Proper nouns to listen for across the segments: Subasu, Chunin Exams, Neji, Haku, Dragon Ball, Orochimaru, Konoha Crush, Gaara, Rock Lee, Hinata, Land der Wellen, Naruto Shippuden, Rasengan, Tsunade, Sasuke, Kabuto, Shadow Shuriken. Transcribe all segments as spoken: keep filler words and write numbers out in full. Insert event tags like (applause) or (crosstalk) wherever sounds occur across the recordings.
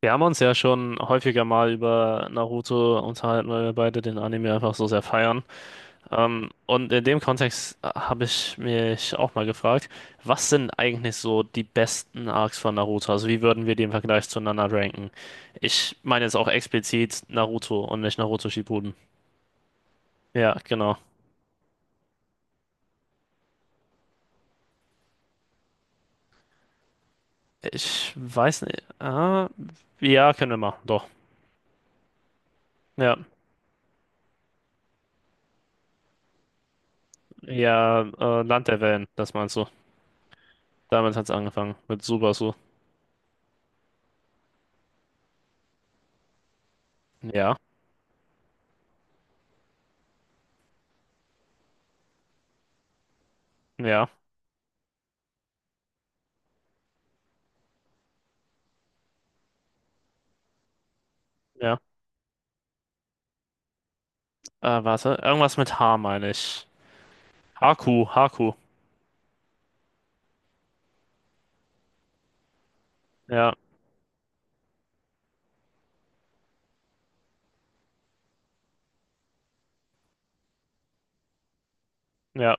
Wir haben uns ja schon häufiger mal über Naruto unterhalten, weil wir beide den Anime einfach so sehr feiern. Ähm, und in dem Kontext äh, habe ich mich auch mal gefragt, was sind eigentlich so die besten Arcs von Naruto? Also wie würden wir die im Vergleich zueinander ranken? Ich meine jetzt auch explizit Naruto und nicht Naruto Shippuden. Ja, genau. Ich weiß nicht. Ah, ja, können wir machen, doch. Ja, ja, äh, Land der Wellen, das meinst du. Damit hat es angefangen, mit Subasu. Ja, ja. Ja. Äh, warte, irgendwas mit H meine ich. Haku, Haku. Ja, ja.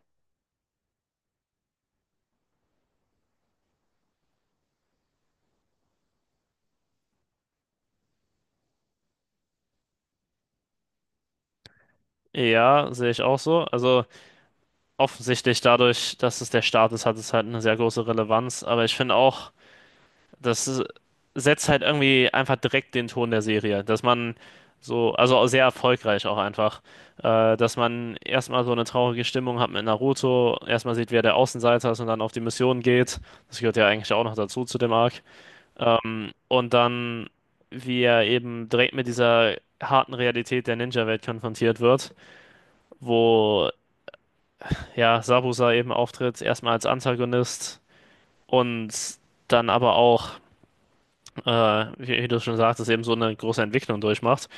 Ja, sehe ich auch so. Also offensichtlich dadurch, dass es der Staat ist, hat es halt eine sehr große Relevanz. Aber ich finde auch, das ist- setzt halt irgendwie einfach direkt den Ton der Serie, dass man so, also auch sehr erfolgreich auch einfach, äh, dass man erstmal so eine traurige Stimmung hat mit Naruto, erstmal sieht, wer der Außenseiter ist und dann auf die Mission geht. Das gehört ja eigentlich auch noch dazu zu dem Arc. Ähm, und dann, wie er eben direkt mit dieser harten Realität der Ninja-Welt konfrontiert wird, wo ja Sabusa eben auftritt, erstmal als Antagonist und dann aber auch, äh, wie, wie du schon sagtest, eben so eine große Entwicklung durchmacht.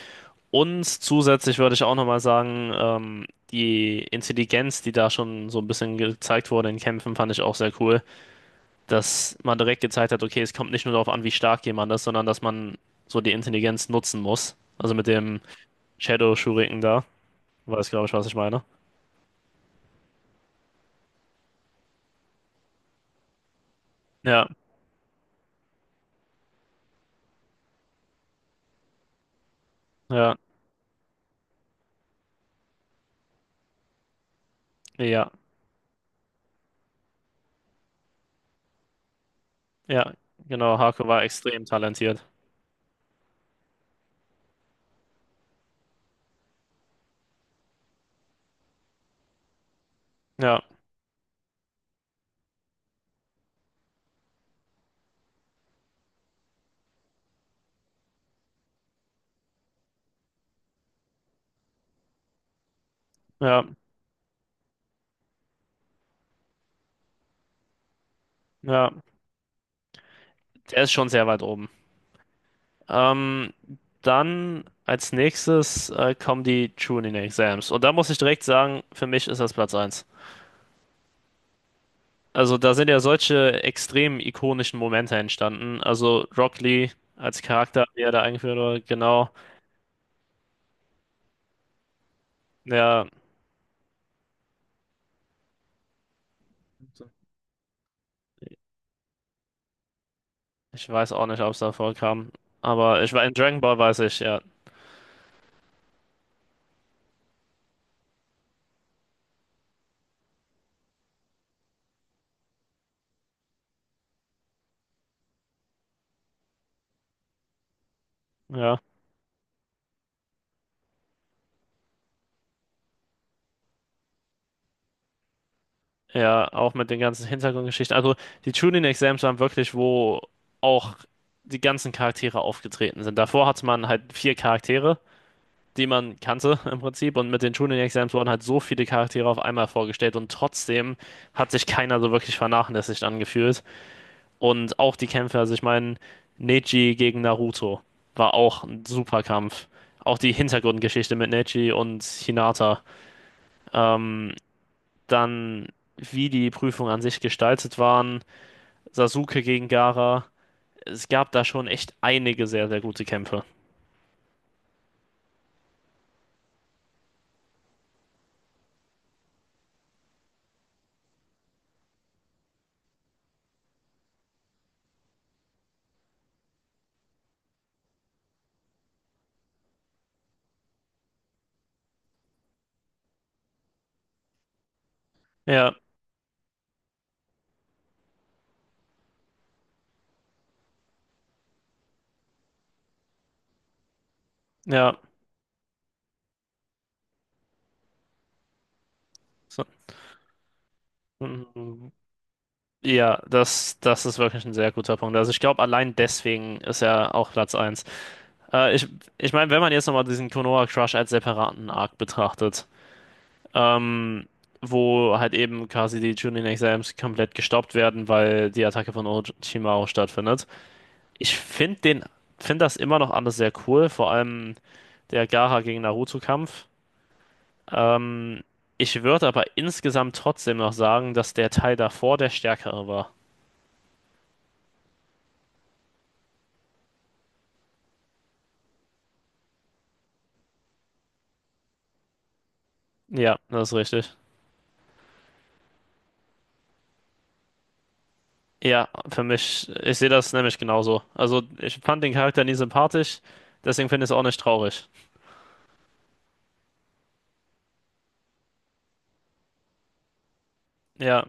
Und zusätzlich würde ich auch nochmal sagen, ähm, die Intelligenz, die da schon so ein bisschen gezeigt wurde in Kämpfen, fand ich auch sehr cool. Dass man direkt gezeigt hat, okay, es kommt nicht nur darauf an, wie stark jemand ist, sondern dass man so die Intelligenz nutzen muss. Also mit dem Shadow Shuriken da, weiß glaube ich, was ich meine. Ja, ja, ja, ja, genau, Haku war extrem talentiert. Ja, ja, ja, der ist schon sehr weit oben. Ähm, Dann als nächstes äh, kommen die Chunin Exams. Und da muss ich direkt sagen, für mich ist das Platz eins. Also da sind ja solche extrem ikonischen Momente entstanden. Also Rock Lee als Charakter, wie er da eingeführt wurde, genau. Ja, ich weiß auch nicht, ob es da vorkam. Aber ich war in Dragon Ball, weiß ich, ja. Ja, ja, auch mit den ganzen Hintergrundgeschichten. Also die Chunin Exams waren wirklich, wo auch die ganzen Charaktere aufgetreten sind. Davor hatte man halt vier Charaktere, die man kannte im Prinzip. Und mit den Chunin Exams wurden halt so viele Charaktere auf einmal vorgestellt. Und trotzdem hat sich keiner so wirklich vernachlässigt angefühlt. Und auch die Kämpfe, also ich meine, Neji gegen Naruto war auch ein super Kampf. Auch die Hintergrundgeschichte mit Neji und Hinata. Ähm, dann, wie die Prüfungen an sich gestaltet waren. Sasuke gegen Gaara. Es gab da schon echt einige sehr, sehr gute Kämpfe. Ja, ja. So, mm, ja, das, das ist wirklich ein sehr guter Punkt. Also ich glaube, allein deswegen ist er auch Platz eins. Äh, ich ich meine, wenn man jetzt nochmal diesen Konoha Crush als separaten Arc betrachtet, ähm, wo halt eben quasi die Chunin Exams komplett gestoppt werden, weil die Attacke von Orochimaru stattfindet. Ich finde den, finde das immer noch alles sehr cool, vor allem der Gaara gegen Naruto-Kampf. Ähm, Ich würde aber insgesamt trotzdem noch sagen, dass der Teil davor der stärkere war. Ja, das ist richtig. Ja, für mich, ich sehe das nämlich genauso. Also, ich fand den Charakter nie sympathisch, deswegen finde ich es auch nicht traurig. Ja,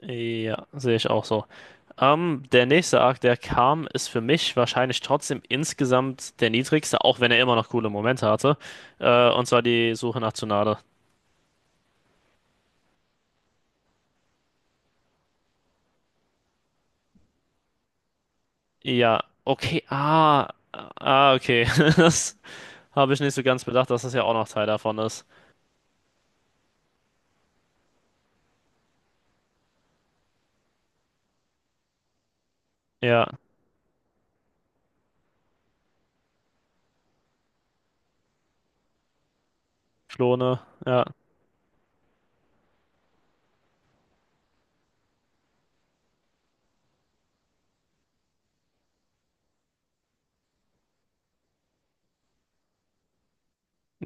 ja, sehe ich auch so. Ähm, der nächste Arc, der kam, ist für mich wahrscheinlich trotzdem insgesamt der niedrigste, auch wenn er immer noch coole Momente hatte. Äh, und zwar die Suche nach Tsunade. Ja, okay, ah, ah, okay. (laughs) Das habe ich nicht so ganz bedacht, dass das ja auch noch Teil davon ist. Ja, Klone, ja,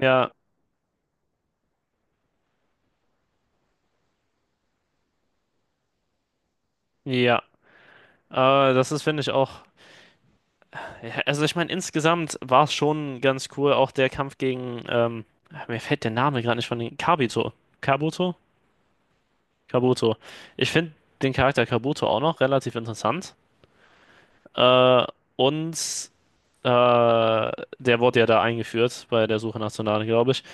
ja, ja. Äh, das ist, finde ich, auch. Ja, also, ich meine, insgesamt war es schon ganz cool, auch der Kampf gegen, ähm, mir fällt der Name gerade nicht von den Kabuto. Kabuto? Kabuto. Ich finde den Charakter Kabuto auch noch relativ interessant. Äh, und äh, der wurde ja da eingeführt bei der Suche nach Tsunade, glaube ich.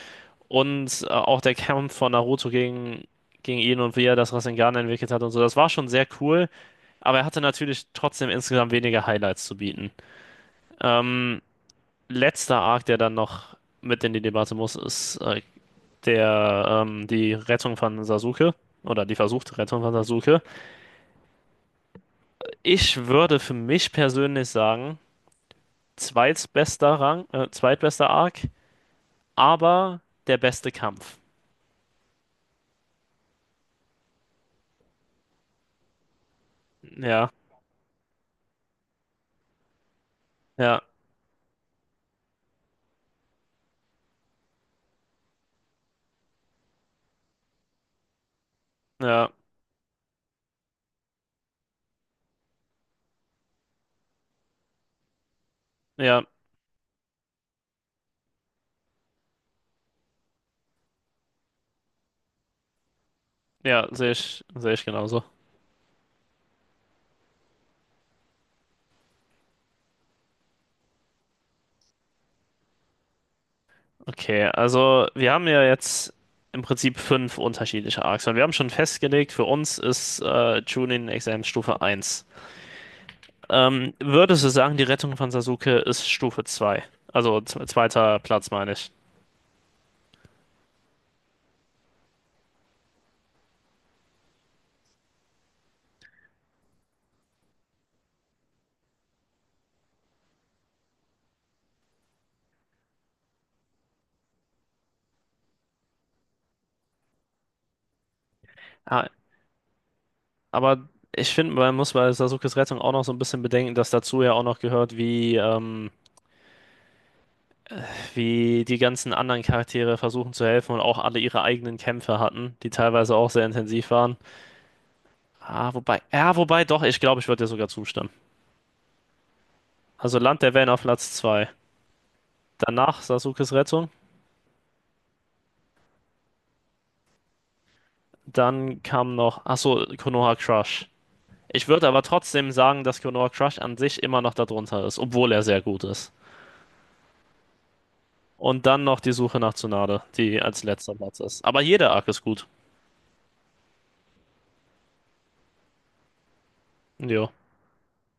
Und äh, auch der Kampf von Naruto gegen, gegen ihn und wie er das Rasengan entwickelt hat und so, das war schon sehr cool. Aber er hatte natürlich trotzdem insgesamt weniger Highlights zu bieten. Ähm, Letzter Arc, der dann noch mit in die Debatte muss, ist äh, der, ähm, die Rettung von Sasuke. Oder die versuchte Rettung von Sasuke. Ich würde für mich persönlich sagen, zweitbester Rang, äh, zweitbester Arc, aber der beste Kampf. Ja, ja, ja, ja, ja, sehe ich, sehe ich genauso. Okay, also wir haben ja jetzt im Prinzip fünf unterschiedliche Arcs und wir haben schon festgelegt, für uns ist äh, Chunin Examen Stufe eins. Ähm, würdest du sagen, die Rettung von Sasuke ist Stufe zwei? Also z- zweiter Platz meine ich. Ah, aber ich finde, man muss bei Sasukes Rettung auch noch so ein bisschen bedenken, dass dazu ja auch noch gehört, wie, ähm, wie die ganzen anderen Charaktere versuchen zu helfen und auch alle ihre eigenen Kämpfe hatten, die teilweise auch sehr intensiv waren. Ah, wobei, ja, wobei doch, ich glaube, ich würde dir sogar zustimmen. Also Land der Wellen auf Platz zwei. Danach Sasukes Rettung. Dann kam noch, ach so, Konoha Crush. Ich würde aber trotzdem sagen, dass Konoha Crush an sich immer noch darunter ist, obwohl er sehr gut ist. Und dann noch die Suche nach Tsunade, die als letzter Platz ist. Aber jeder Arc ist gut. Jo.